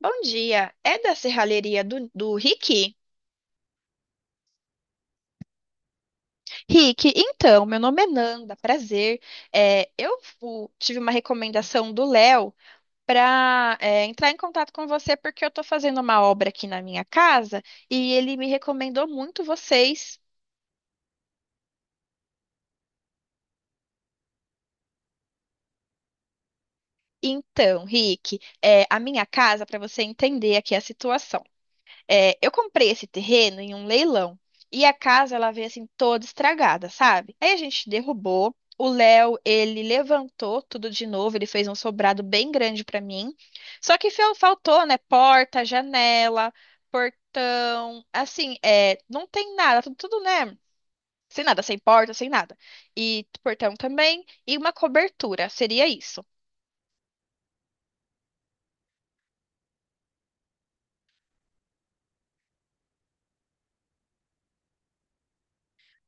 Bom dia, é da serralheria do Rick? Rick, então, meu nome é Nanda, prazer. É, eu tive uma recomendação do Léo para entrar em contato com você porque eu tô fazendo uma obra aqui na minha casa e ele me recomendou muito vocês. Então, Rick, é, a minha casa, para você entender aqui a situação. É, eu comprei esse terreno em um leilão e a casa ela veio assim toda estragada, sabe? Aí a gente derrubou. O Léo, ele levantou tudo de novo, ele fez um sobrado bem grande pra mim. Só que faltou, né? Porta, janela, portão, assim, é, não tem nada, tudo, tudo, né? Sem nada, sem porta, sem nada. E portão também, e uma cobertura, seria isso.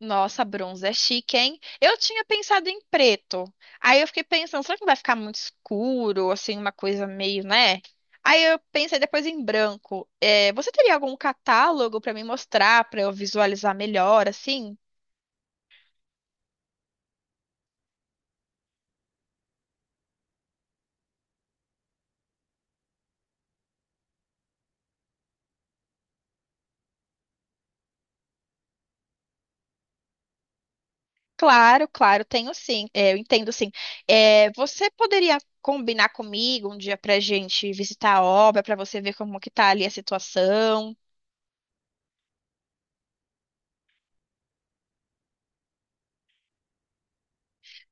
Nossa, bronze é chique, hein? Eu tinha pensado em preto. Aí eu fiquei pensando, será que não vai ficar muito escuro, assim, uma coisa meio, né? Aí eu pensei depois em branco. É, você teria algum catálogo pra me mostrar, pra eu visualizar melhor, assim? Claro, claro, tenho sim. É, eu entendo sim. É, você poderia combinar comigo um dia pra gente visitar a obra, pra você ver como que tá ali a situação?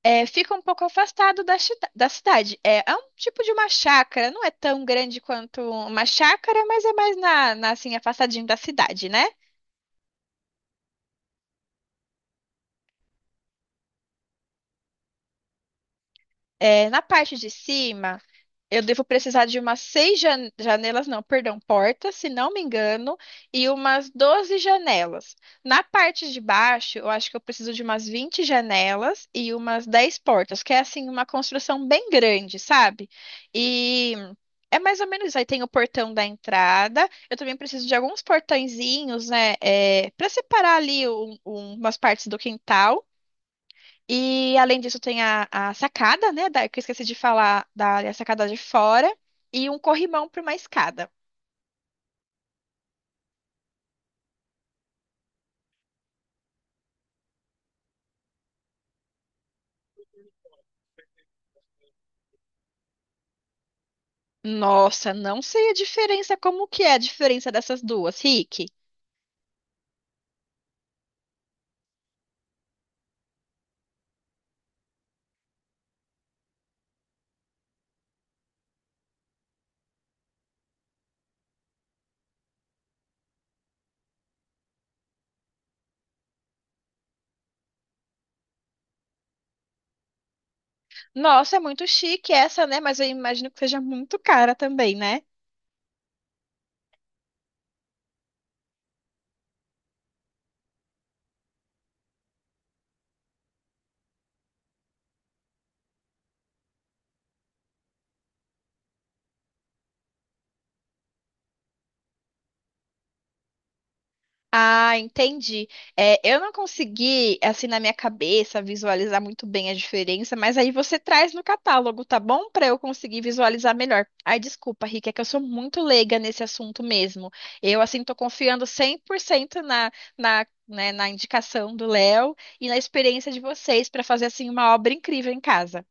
É, fica um pouco afastado da, da cidade. É, é um tipo de uma chácara, não é tão grande quanto uma chácara, mas é mais na, assim, afastadinho da cidade, né? É, na parte de cima, eu devo precisar de umas seis janelas, não, perdão, portas, se não me engano, e umas 12 janelas. Na parte de baixo, eu acho que eu preciso de umas 20 janelas e umas 10 portas, que é assim uma construção bem grande, sabe? E é mais ou menos isso. Aí tem o portão da entrada. Eu também preciso de alguns portõezinhos, né, é, para separar ali umas partes do quintal. E além disso tem a sacada, né? Que eu esqueci de falar da área sacada de fora e um corrimão para uma escada. Nossa, não sei a diferença, como que é a diferença dessas duas, Rick? Nossa, é muito chique essa, né? Mas eu imagino que seja muito cara também, né? Ah, entendi. É, eu não consegui, assim, na minha cabeça, visualizar muito bem a diferença, mas aí você traz no catálogo, tá bom? Para eu conseguir visualizar melhor. Ai, desculpa, Rick, é que eu sou muito leiga nesse assunto mesmo. Eu, assim, tô confiando 100% na, né, na indicação do Léo e na experiência de vocês para fazer, assim, uma obra incrível em casa.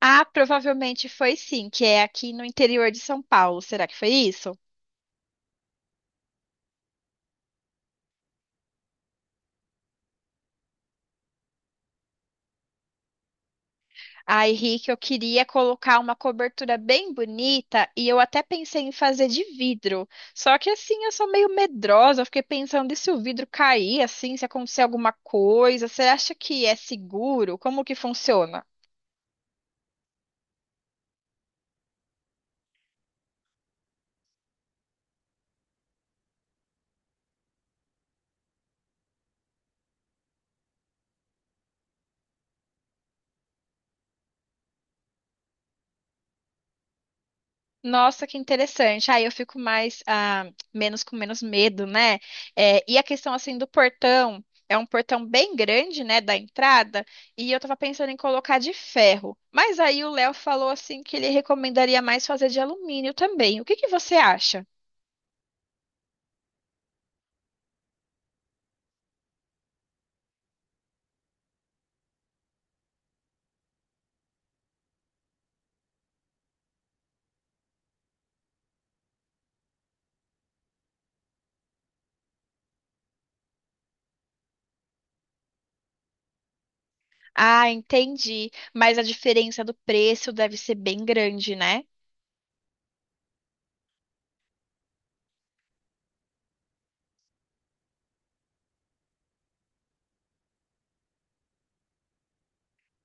Ah, provavelmente foi sim, que é aqui no interior de São Paulo. Será que foi isso? Ai, Rick, eu queria colocar uma cobertura bem bonita e eu até pensei em fazer de vidro. Só que assim, eu sou meio medrosa, eu fiquei pensando e se o vidro cair assim, se acontecer alguma coisa, você acha que é seguro? Como que funciona? Nossa, que interessante. Aí eu fico mais, ah, menos com menos medo, né? É, e a questão assim do portão, é um portão bem grande, né, da entrada, e eu tava pensando em colocar de ferro. Mas aí o Léo falou assim que ele recomendaria mais fazer de alumínio também. O que que você acha? Ah, entendi. Mas a diferença do preço deve ser bem grande, né?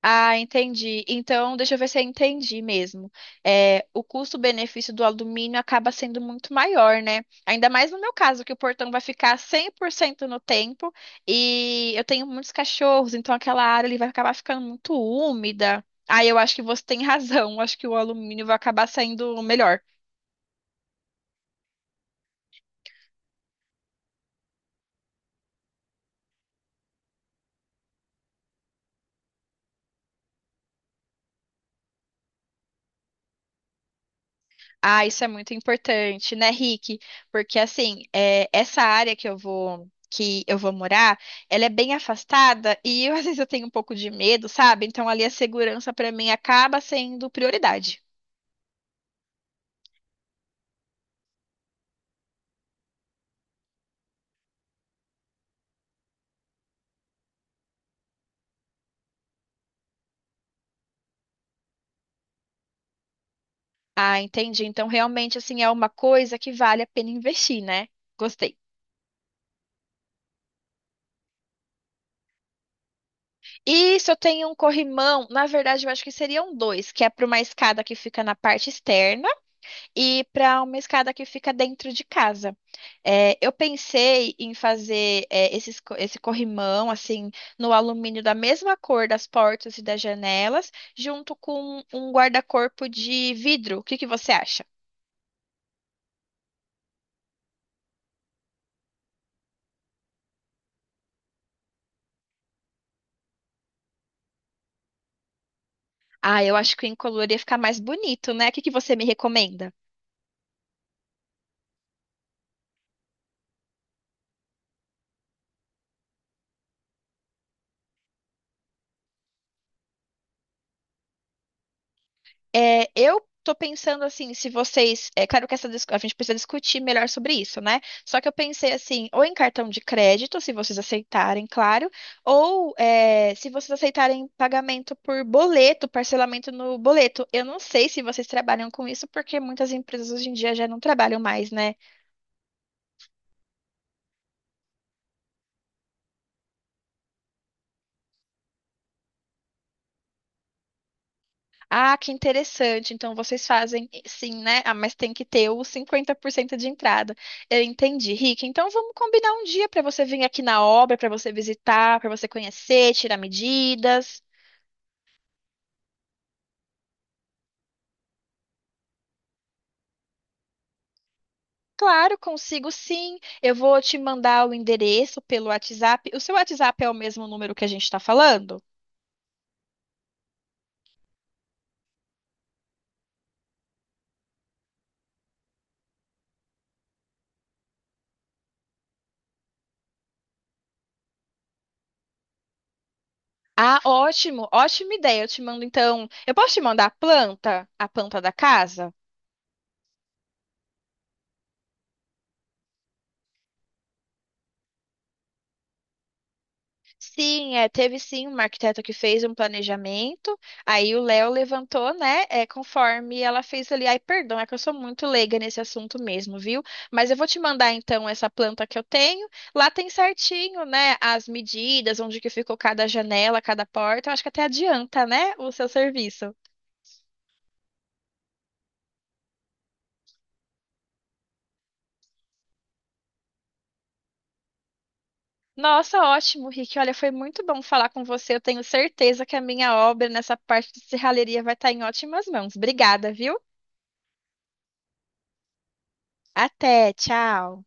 Ah, entendi. Então, deixa eu ver se eu entendi mesmo. É, o custo-benefício do alumínio acaba sendo muito maior, né? Ainda mais no meu caso, que o portão vai ficar 100% no tempo e eu tenho muitos cachorros, então aquela área ali vai acabar ficando muito úmida. Ah, eu acho que você tem razão. Acho que o alumínio vai acabar saindo melhor. Ah, isso é muito importante, né, Rick? Porque assim, é, essa área que eu vou morar, ela é bem afastada e eu, às vezes eu tenho um pouco de medo, sabe? Então ali a segurança para mim acaba sendo prioridade. Ah, entendi. Então realmente assim é uma coisa que vale a pena investir, né? Gostei. E se eu tenho um corrimão, na verdade eu acho que seriam dois, que é para uma escada que fica na parte externa e para uma escada que fica dentro de casa. É, eu pensei em fazer é, esse corrimão, assim, no alumínio da mesma cor das portas e das janelas, junto com um guarda-corpo de vidro. O que que você acha? Ah, eu acho que o incolor ia ficar mais bonito, né? O que que você me recomenda? É, eu tô pensando assim, se vocês. É claro que essa, a gente precisa discutir melhor sobre isso, né? Só que eu pensei assim, ou em cartão de crédito, se vocês aceitarem, claro, ou é, se vocês aceitarem pagamento por boleto, parcelamento no boleto. Eu não sei se vocês trabalham com isso, porque muitas empresas hoje em dia já não trabalham mais, né? Ah, que interessante. Então vocês fazem sim, né? Ah, mas tem que ter os 50% de entrada. Eu entendi, Rick. Então vamos combinar um dia para você vir aqui na obra, para você visitar, para você conhecer, tirar medidas. Claro, consigo sim. Eu vou te mandar o endereço pelo WhatsApp. O seu WhatsApp é o mesmo número que a gente está falando? Ah, ótimo, ótima ideia. Eu te mando então. Eu posso te mandar a planta da casa? Sim, é, teve sim uma arquiteta que fez um planejamento, aí o Léo levantou, né, é, conforme ela fez ali. Ai, perdão, é que eu sou muito leiga nesse assunto mesmo, viu? Mas eu vou te mandar então essa planta que eu tenho. Lá tem certinho, né, as medidas, onde que ficou cada janela, cada porta. Eu acho que até adianta, né, o seu serviço. Nossa, ótimo, Rick. Olha, foi muito bom falar com você. Eu tenho certeza que a minha obra nessa parte de serralheria vai estar em ótimas mãos. Obrigada, viu? Até, tchau.